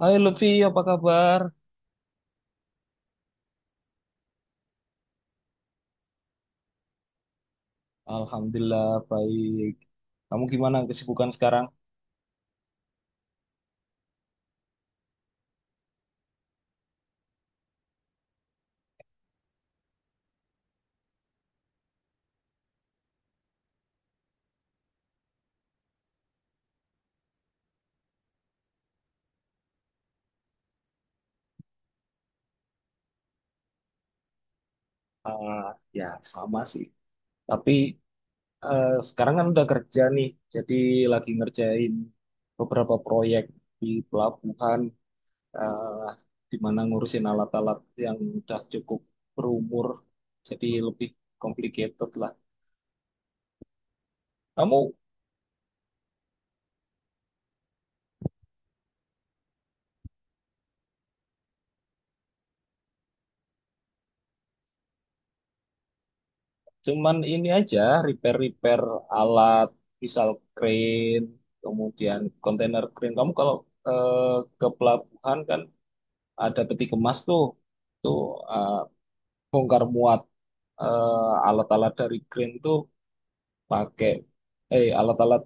Hai Lutfi, apa kabar? Alhamdulillah baik. Kamu gimana kesibukan sekarang? Ah, ya sama sih. Tapi sekarang kan udah kerja nih, jadi lagi ngerjain beberapa proyek di pelabuhan, eh di mana ngurusin alat-alat yang udah cukup berumur, jadi lebih complicated lah. Kamu Cuman ini aja, repair-repair alat, misal crane, kemudian kontainer crane. Kamu kalau ke pelabuhan kan ada peti kemas tuh, tuh eh, bongkar muat alat-alat dari crane tuh pakai, eh alat-alat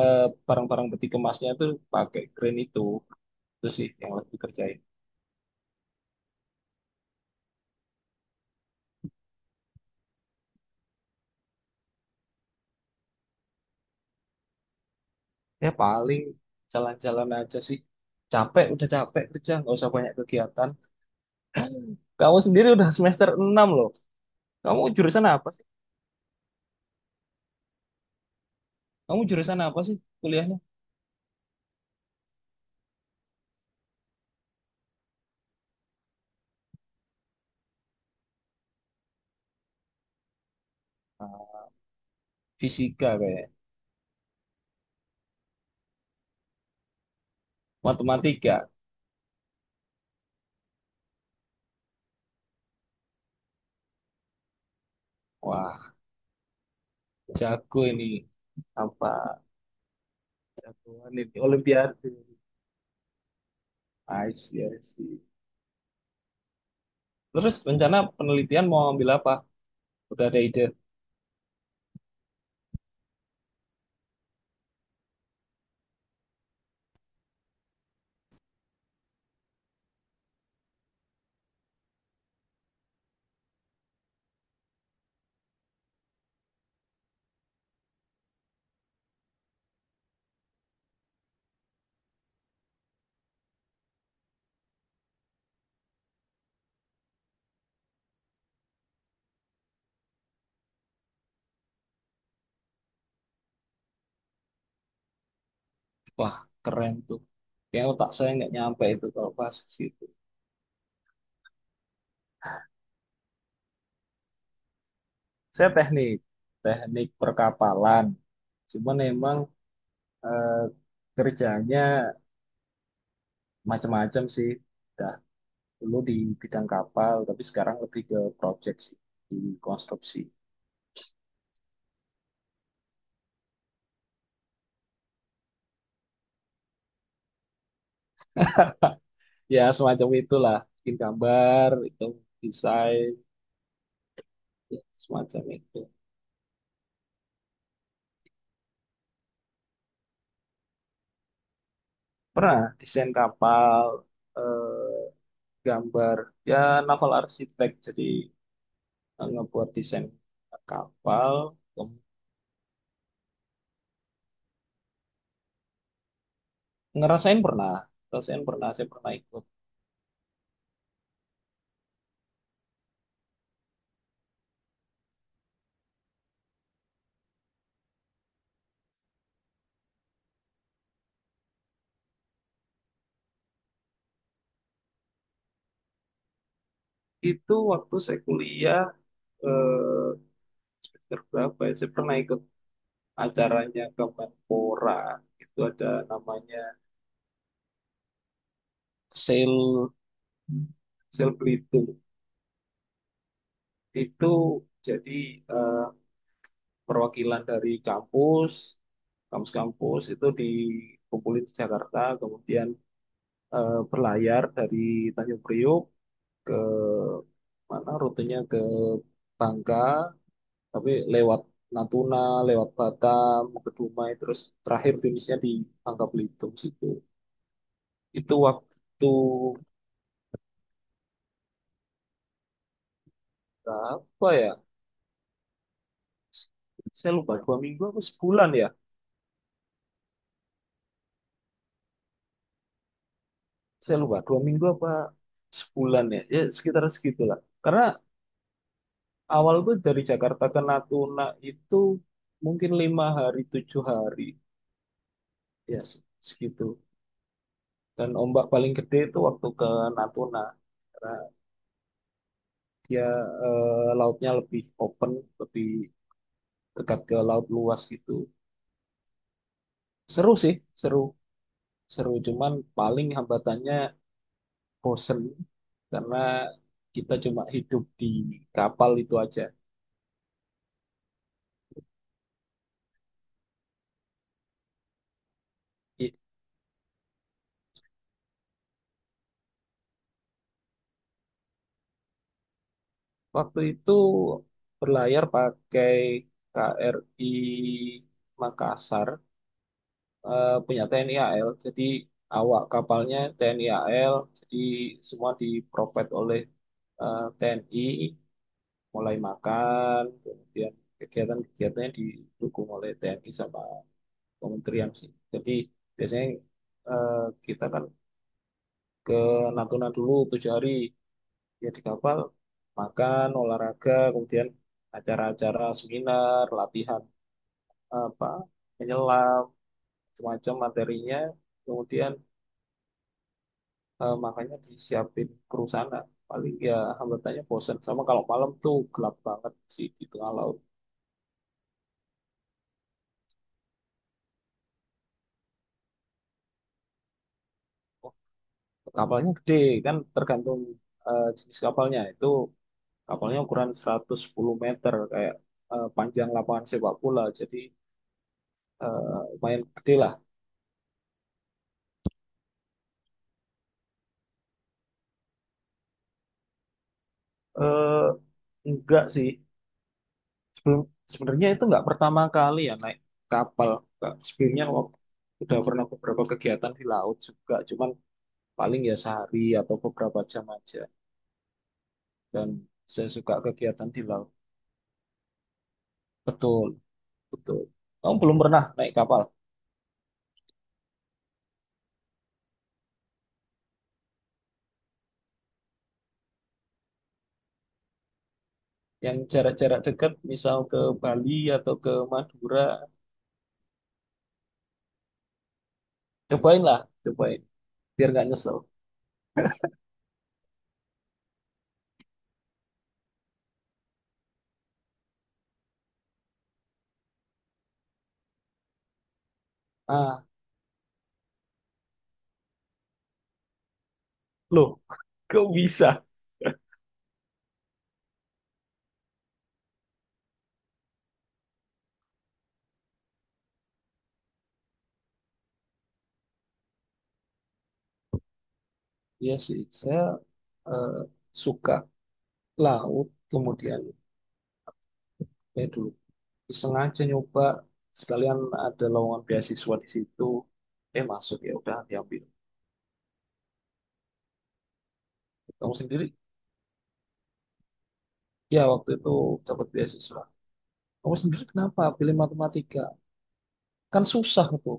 eh, barang-barang peti kemasnya tuh pakai crane itu. Itu sih yang lagi kerjain. Ya paling jalan-jalan aja sih. Udah capek kerja, nggak usah banyak kegiatan. Kamu sendiri udah semester 6 loh. Kamu jurusan apa sih? Kamu jurusan apa sih kuliahnya? Ah, Fisika kayak matematika. Wah, jago ini apa? Jagoan ini Olimpiade. I see, I see. Terus rencana penelitian mau ambil apa? Udah ada ide? Wah, keren tuh. Kayaknya otak saya nggak nyampe itu kalau pas ke situ. Saya teknik perkapalan. Cuman emang eh, kerjanya macam-macam sih. Ada dulu di bidang kapal, tapi sekarang lebih ke project sih, di konstruksi. Ya, semacam itulah. Bikin gambar, itu desain, ya, semacam itu. Pernah desain kapal, eh, gambar, ya naval arsitek, jadi ngebuat desain kapal. Kem- Ngerasain pernah, ngerasain pernah, saya pernah ikut. Itu waktu saya kuliah, eh, semester berapa ya, saya pernah ikut acaranya Kemenpora, itu ada namanya Sel Sel Belitung itu jadi eh, perwakilan dari kampus, kampus-kampus itu dikumpulin di Jakarta, kemudian berlayar dari Tanjung Priok ke mana rutenya ke Bangka, tapi lewat Natuna, lewat Batam, ke Dumai, terus terakhir finishnya di Bangka Belitung situ. Itu waktu berapa ya? Saya lupa 2 minggu apa sebulan ya? Saya lupa dua minggu apa sebulan ya, ya sekitar segitulah, karena awal gue dari Jakarta ke Natuna itu mungkin 5 hari 7 hari ya segitu, dan ombak paling gede itu waktu ke Natuna, karena dia lautnya lebih open, lebih dekat ke laut luas gitu. Seru sih, seru, seru, cuman paling hambatannya bosen karena kita cuma hidup di kapal itu aja. Waktu itu berlayar pakai KRI Makassar, punya TNI AL. Jadi awak kapalnya TNI AL, jadi semua diprovide oleh TNI, mulai makan, kemudian kegiatan-kegiatannya didukung oleh TNI sama kementerian sih. Jadi biasanya eh, kita kan ke Natuna dulu 7 hari. Ya di kapal makan olahraga kemudian acara-acara seminar latihan apa menyelam semacam materinya, kemudian makanya disiapin kru sana. Paling ya hambatannya bosen sama kalau malam tuh gelap banget sih di tengah laut. Oh, kapalnya gede kan tergantung jenis kapalnya itu. Kapalnya ukuran 110 meter kayak panjang lapangan sepak bola, jadi lumayan gede lah. Eh, enggak sih. Sebelum Sebenarnya itu nggak pertama kali ya naik kapal. Nggak, sebelumnya udah pernah beberapa kegiatan di laut juga, cuman paling ya sehari atau beberapa jam aja. Dan saya suka kegiatan di laut. Betul, betul. Kamu belum pernah naik kapal? Yang jarak-jarak dekat, misal ke Bali atau ke Madura, cobain lah, cobain. Biar nggak nyesel. Ah, loh, kok bisa? Iya sih, saya eh, suka laut, kemudian dulu sengaja nyoba sekalian ada lowongan beasiswa di situ, masuk ya udah diambil. Kamu sendiri ya waktu itu dapat beasiswa, kamu sendiri kenapa pilih matematika, kan susah itu.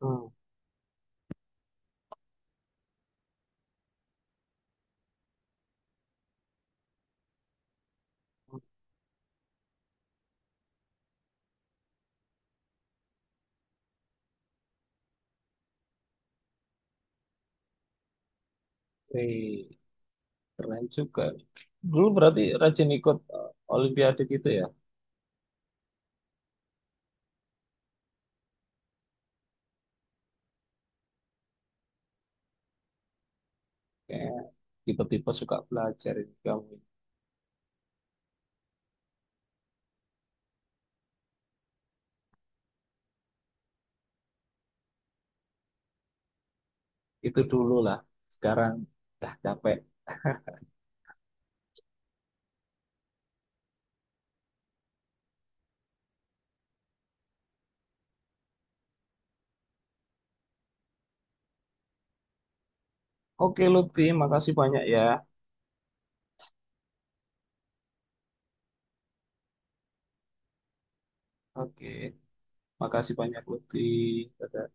Hmm. Oke, keren juga dulu berarti rajin ikut olimpiade gitu ya. Kayak tipe-tipe suka belajar ini kamu. Itu dulu lah, sekarang dah capek. Oke Lutfi, makasih banyak ya. Oke, makasih banyak Lutfi. Dadah.